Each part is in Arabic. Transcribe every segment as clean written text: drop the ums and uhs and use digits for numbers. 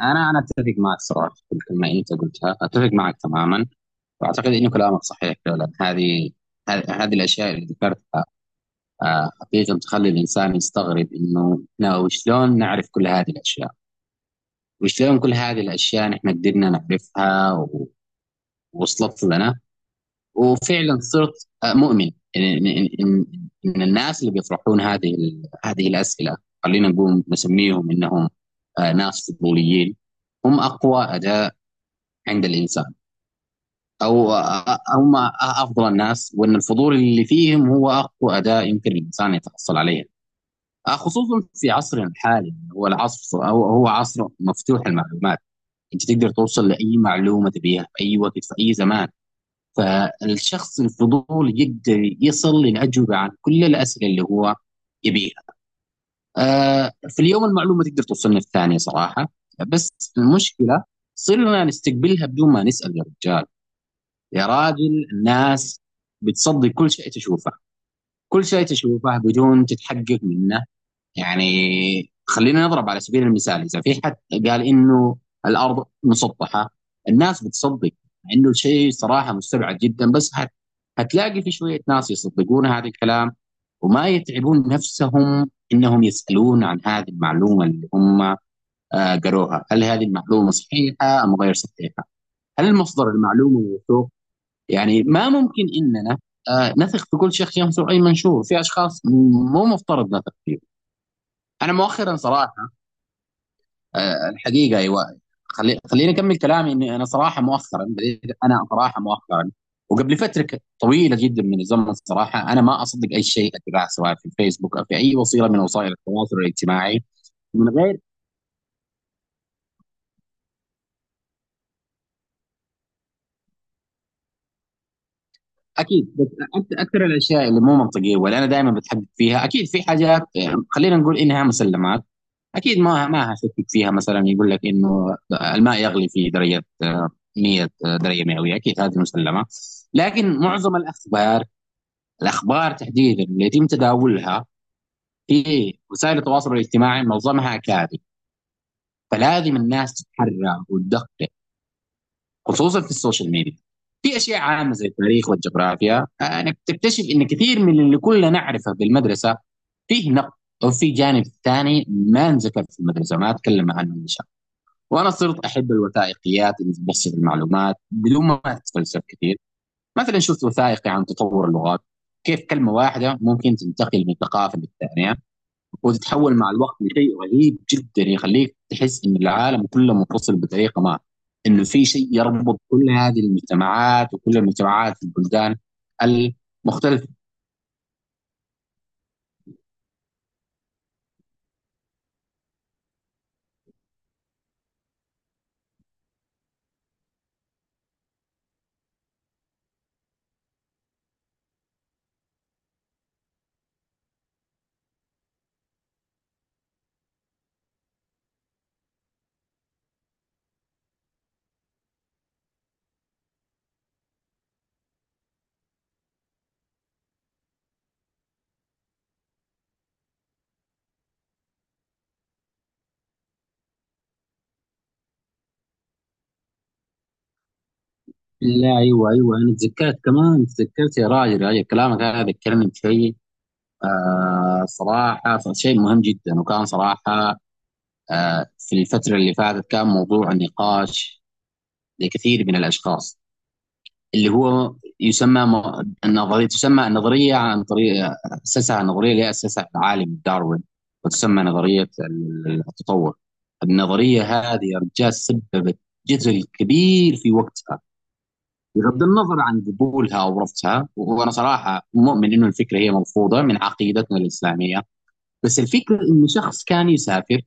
انا اتفق معك صراحه في الكلمه اللي انت قلتها، اتفق معك تماما، واعتقد انه كلامك صحيح فعلا. هذه الاشياء اللي ذكرتها حقيقه تخلي الانسان يستغرب انه لا، وشلون نعرف كل هذه الاشياء، وشلون كل هذه الاشياء نحن قدرنا نعرفها ووصلت لنا. وفعلا صرت مؤمن ان ان ان إن- إن الناس اللي بيطرحون هذه هذه الاسئله، خلينا نقول نسميهم انهم ناس فضوليين، هم اقوى اداه عند الانسان. هم افضل الناس، وان الفضول اللي فيهم هو اقوى اداه يمكن الانسان يتحصل عليها، خصوصا في عصرنا الحالي هو العصر، هو عصر مفتوح المعلومات. انت تقدر توصل لاي معلومه تبيها في اي وقت في اي زمان. فالشخص الفضول يقدر يصل للاجوبه عن كل الاسئله اللي هو يبيها. في اليوم المعلومه تقدر توصلنا في ثانيه صراحه. بس المشكله صرنا نستقبلها بدون ما نسال. يا رجال، يا راجل، الناس بتصدق كل شيء تشوفه، كل شيء تشوفه بدون تتحقق منه. يعني خلينا نضرب على سبيل المثال، إذا في حد قال إنه الأرض مسطحة، الناس بتصدق، مع إنه الشيء صراحة مستبعد جدا، بس هتلاقي في شوية ناس يصدقون هذا الكلام وما يتعبون نفسهم إنهم يسألون عن هذه المعلومة اللي هم قروها، هل هذه المعلومة صحيحة أم غير صحيحة؟ هل مصدر المعلومة موثوق؟ يعني ما ممكن اننا نثق في كل شخص ينشر اي منشور، في اشخاص مو مفترض نثق فيهم. انا مؤخرا صراحه الحقيقه ايوه، خليني اكمل كلامي. اني انا صراحه مؤخرا وقبل فتره طويله جدا من الزمن صراحه انا ما اصدق اي شيء اتباعه، سواء في الفيسبوك او في اي وسيله من وسائل التواصل الاجتماعي من غير. اكيد بس اكثر الاشياء اللي مو منطقيه، واللي انا دائما بتحدد فيها اكيد في حاجات خلينا نقول انها مسلمات، اكيد ما هشكك فيها. مثلا يقول لك انه الماء يغلي في درجه 100 درجه مئويه، اكيد هذه مسلمه. لكن معظم الاخبار، الاخبار تحديدا اللي يتم تداولها في وسائل التواصل الاجتماعي معظمها كاذب، فلازم الناس تتحرى وتدقق، خصوصا في السوشيال ميديا. في اشياء عامه زي التاريخ والجغرافيا، انك تكتشف ان كثير من اللي كلنا نعرفه بالمدرسه فيه نقد، وفي جانب ثاني ما انذكر في المدرسه ما اتكلم عنه. وانا صرت احب الوثائقيات اللي تبسط المعلومات بدون ما اتفلسف كثير. مثلا شفت وثائقي عن تطور اللغات، كيف كلمة واحدة ممكن تنتقل من ثقافة للثانية وتتحول مع الوقت لشيء رهيب جدا يخليك تحس إن العالم كله منفصل بطريقة ما، إنه في شيء يربط كل هذه المجتمعات وكل المجتمعات في البلدان المختلفة. لا أيوه أيوه، أنا تذكرت كمان، تذكرت يا راجل، يا راجل كلامك هذا يتكلم في شيء صراحة شيء مهم جدا، وكان صراحة في الفترة اللي فاتت كان موضوع نقاش لكثير من الأشخاص، اللي هو يسمى النظرية، تسمى النظرية عن طريق أسسها، النظرية اللي أسسها العالم داروين، وتسمى نظرية التطور. النظرية هذه يا رجال سببت جدل كبير في وقتها، بغض النظر عن قبولها أو رفضها. وأنا صراحة مؤمن إنه الفكرة هي مرفوضة من عقيدتنا الإسلامية، بس الفكرة إنه شخص كان يسافر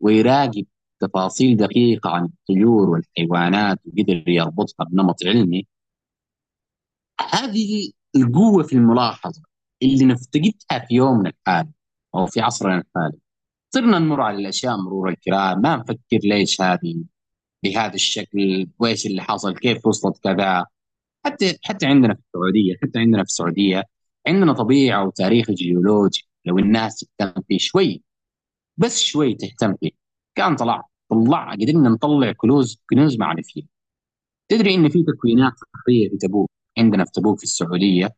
ويراقب تفاصيل دقيقة عن الطيور والحيوانات، وقدر يربطها بنمط علمي. هذه القوة في الملاحظة اللي نفتقدها في يومنا الحالي أو في عصرنا الحالي. صرنا نمر على الأشياء مرور الكرام، ما نفكر ليش هذه بهذا الشكل، وإيش اللي حصل، كيف وصلت كذا. حتى عندنا في السعودية، حتى عندنا في السعودية عندنا طبيعة وتاريخ جيولوجي، لو الناس تهتم فيه شوي، بس شوي تهتم فيه، كان طلع، طلع قدرنا نطلع كنوز، كنوز معرفيه. تدري ان في تكوينات صخريه في تبوك، عندنا في تبوك في السعوديه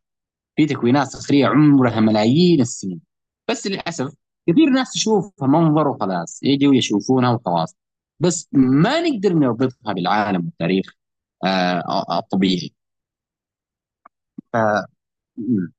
في تكوينات صخريه عمرها ملايين السنين، بس للاسف كثير ناس تشوفها منظر وخلاص، يجوا يشوفونها وخلاص، بس ما نقدر نربطها بالعالم والتاريخ الطبيعي. ف مم.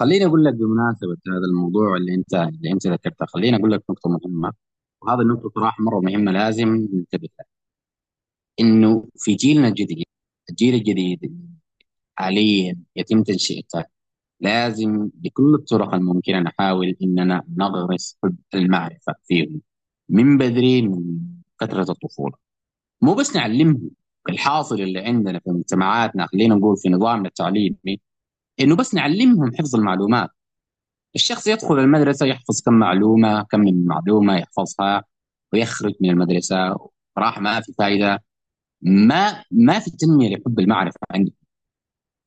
خليني اقول لك بمناسبه هذا الموضوع اللي انت، اللي انت ذكرته، خليني اقول لك نقطه مهمه، وهذه النقطه صراحه مره مهمه لازم ننتبه لها. انه في جيلنا الجديد، الجيل الجديد حاليا يتم تنشئته، لازم بكل الطرق الممكنه نحاول اننا نغرس حب المعرفه فيهم من بدري، من فتره الطفوله. مو بس نعلمهم، الحاصل اللي عندنا في مجتمعاتنا خلينا نقول في نظامنا التعليمي انه بس نعلمهم حفظ المعلومات. الشخص يدخل المدرسه يحفظ كم معلومه، كم من معلومه يحفظها ويخرج من المدرسه، راح ما في فائده. ما في تنميه لحب المعرفه عندهم،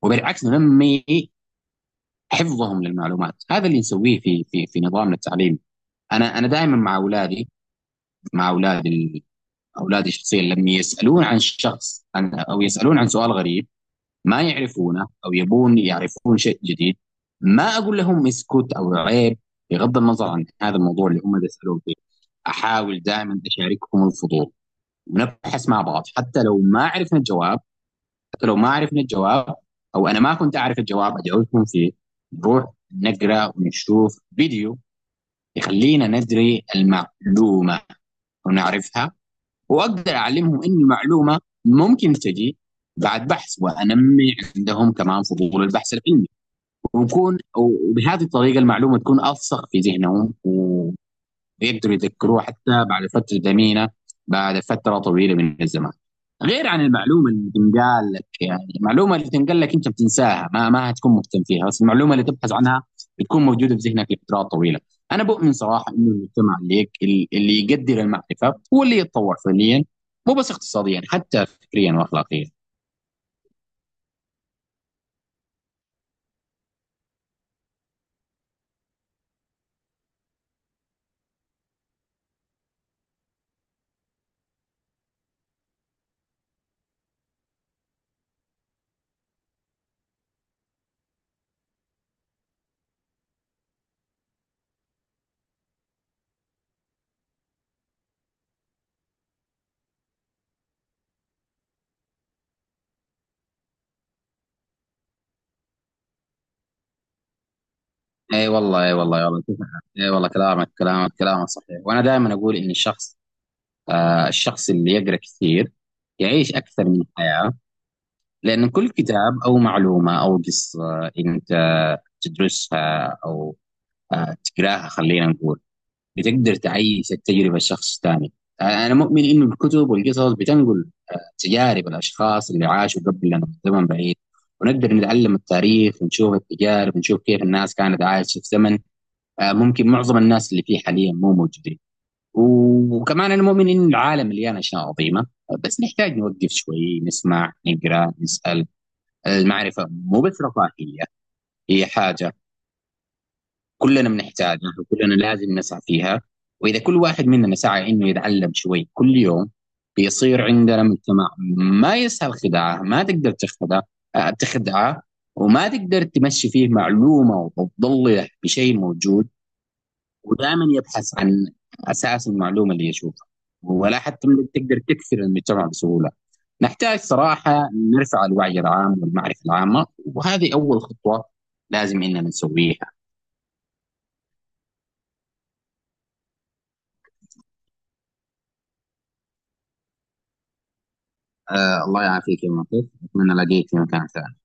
وبالعكس ننمي حفظهم للمعلومات، هذا اللي نسويه في في نظامنا التعليمي. انا دائما مع اولادي، مع اولادي، اولادي شخصيا لما يسالون عن شخص عن، او يسالون عن سؤال غريب ما يعرفونه او يبون يعرفون شيء جديد، ما اقول لهم اسكت او عيب بغض النظر عن هذا الموضوع اللي هم يسالون فيه. احاول دائما اشاركهم الفضول، ونبحث مع بعض حتى لو ما عرفنا الجواب، حتى لو ما عرفنا الجواب، او انا ما كنت اعرف الجواب ادعوكم في نروح نقرا ونشوف فيديو يخلينا ندري المعلومه ونعرفها. واقدر اعلمهم ان المعلومه ممكن تجي بعد بحث، وانمي عندهم كمان فضول البحث العلمي. ويكون وبهذه الطريقه المعلومه تكون الصق في ذهنهم، و يقدروا يذكروه حتى بعد فترة ثمينة، بعد فترة طويلة من الزمان، غير عن المعلومة اللي تنقال لك. يعني المعلومة اللي تنقال لك أنت بتنساها، ما هتكون مهتم فيها، بس المعلومة اللي تبحث عنها بتكون موجودة في ذهنك لفترات طويلة. أنا بؤمن صراحة إنه المجتمع اللي يقدر المعرفة هو اللي يتطور فعليا، مو بس اقتصاديا، حتى فكريا وأخلاقيا. اي والله، اي والله، يا والله شوف، اي والله كلامك، كلامك صحيح، وانا دائما اقول ان الشخص الشخص اللي يقرا كثير يعيش اكثر من الحياه، لأن كل كتاب أو معلومة أو قصة أنت تدرسها أو تقراها خلينا نقول، بتقدر تعيش التجربة لشخص تاني. أنا مؤمن إنه الكتب والقصص بتنقل تجارب الأشخاص اللي عاشوا قبلنا في زمن بعيد، ونقدر نتعلم التاريخ ونشوف التجارب ونشوف كيف الناس كانت عايشة في زمن ممكن معظم الناس اللي فيه حاليا مو موجودين. وكمان أنا مؤمن إن العالم مليان أشياء عظيمة، بس نحتاج نوقف شوي، نسمع، نقرأ، نسأل. المعرفة مو بس رفاهية، هي حاجة كلنا بنحتاجها وكلنا لازم نسعى فيها. وإذا كل واحد مننا سعى إنه يتعلم شوي كل يوم، بيصير عندنا مجتمع ما يسهل خداعه، ما تقدر تخدع تخدعه، وما تقدر تمشي فيه معلومة وتضله بشيء موجود، ودائما يبحث عن أساس المعلومة اللي يشوفها، ولا حتى تقدر تكسر المجتمع بسهولة. نحتاج صراحة نرفع الوعي العام والمعرفة العامة، وهذه أول خطوة لازم إننا نسويها. آه الله يعافيك يا مطيف، أتمنى ألاقيك في مكان ثاني.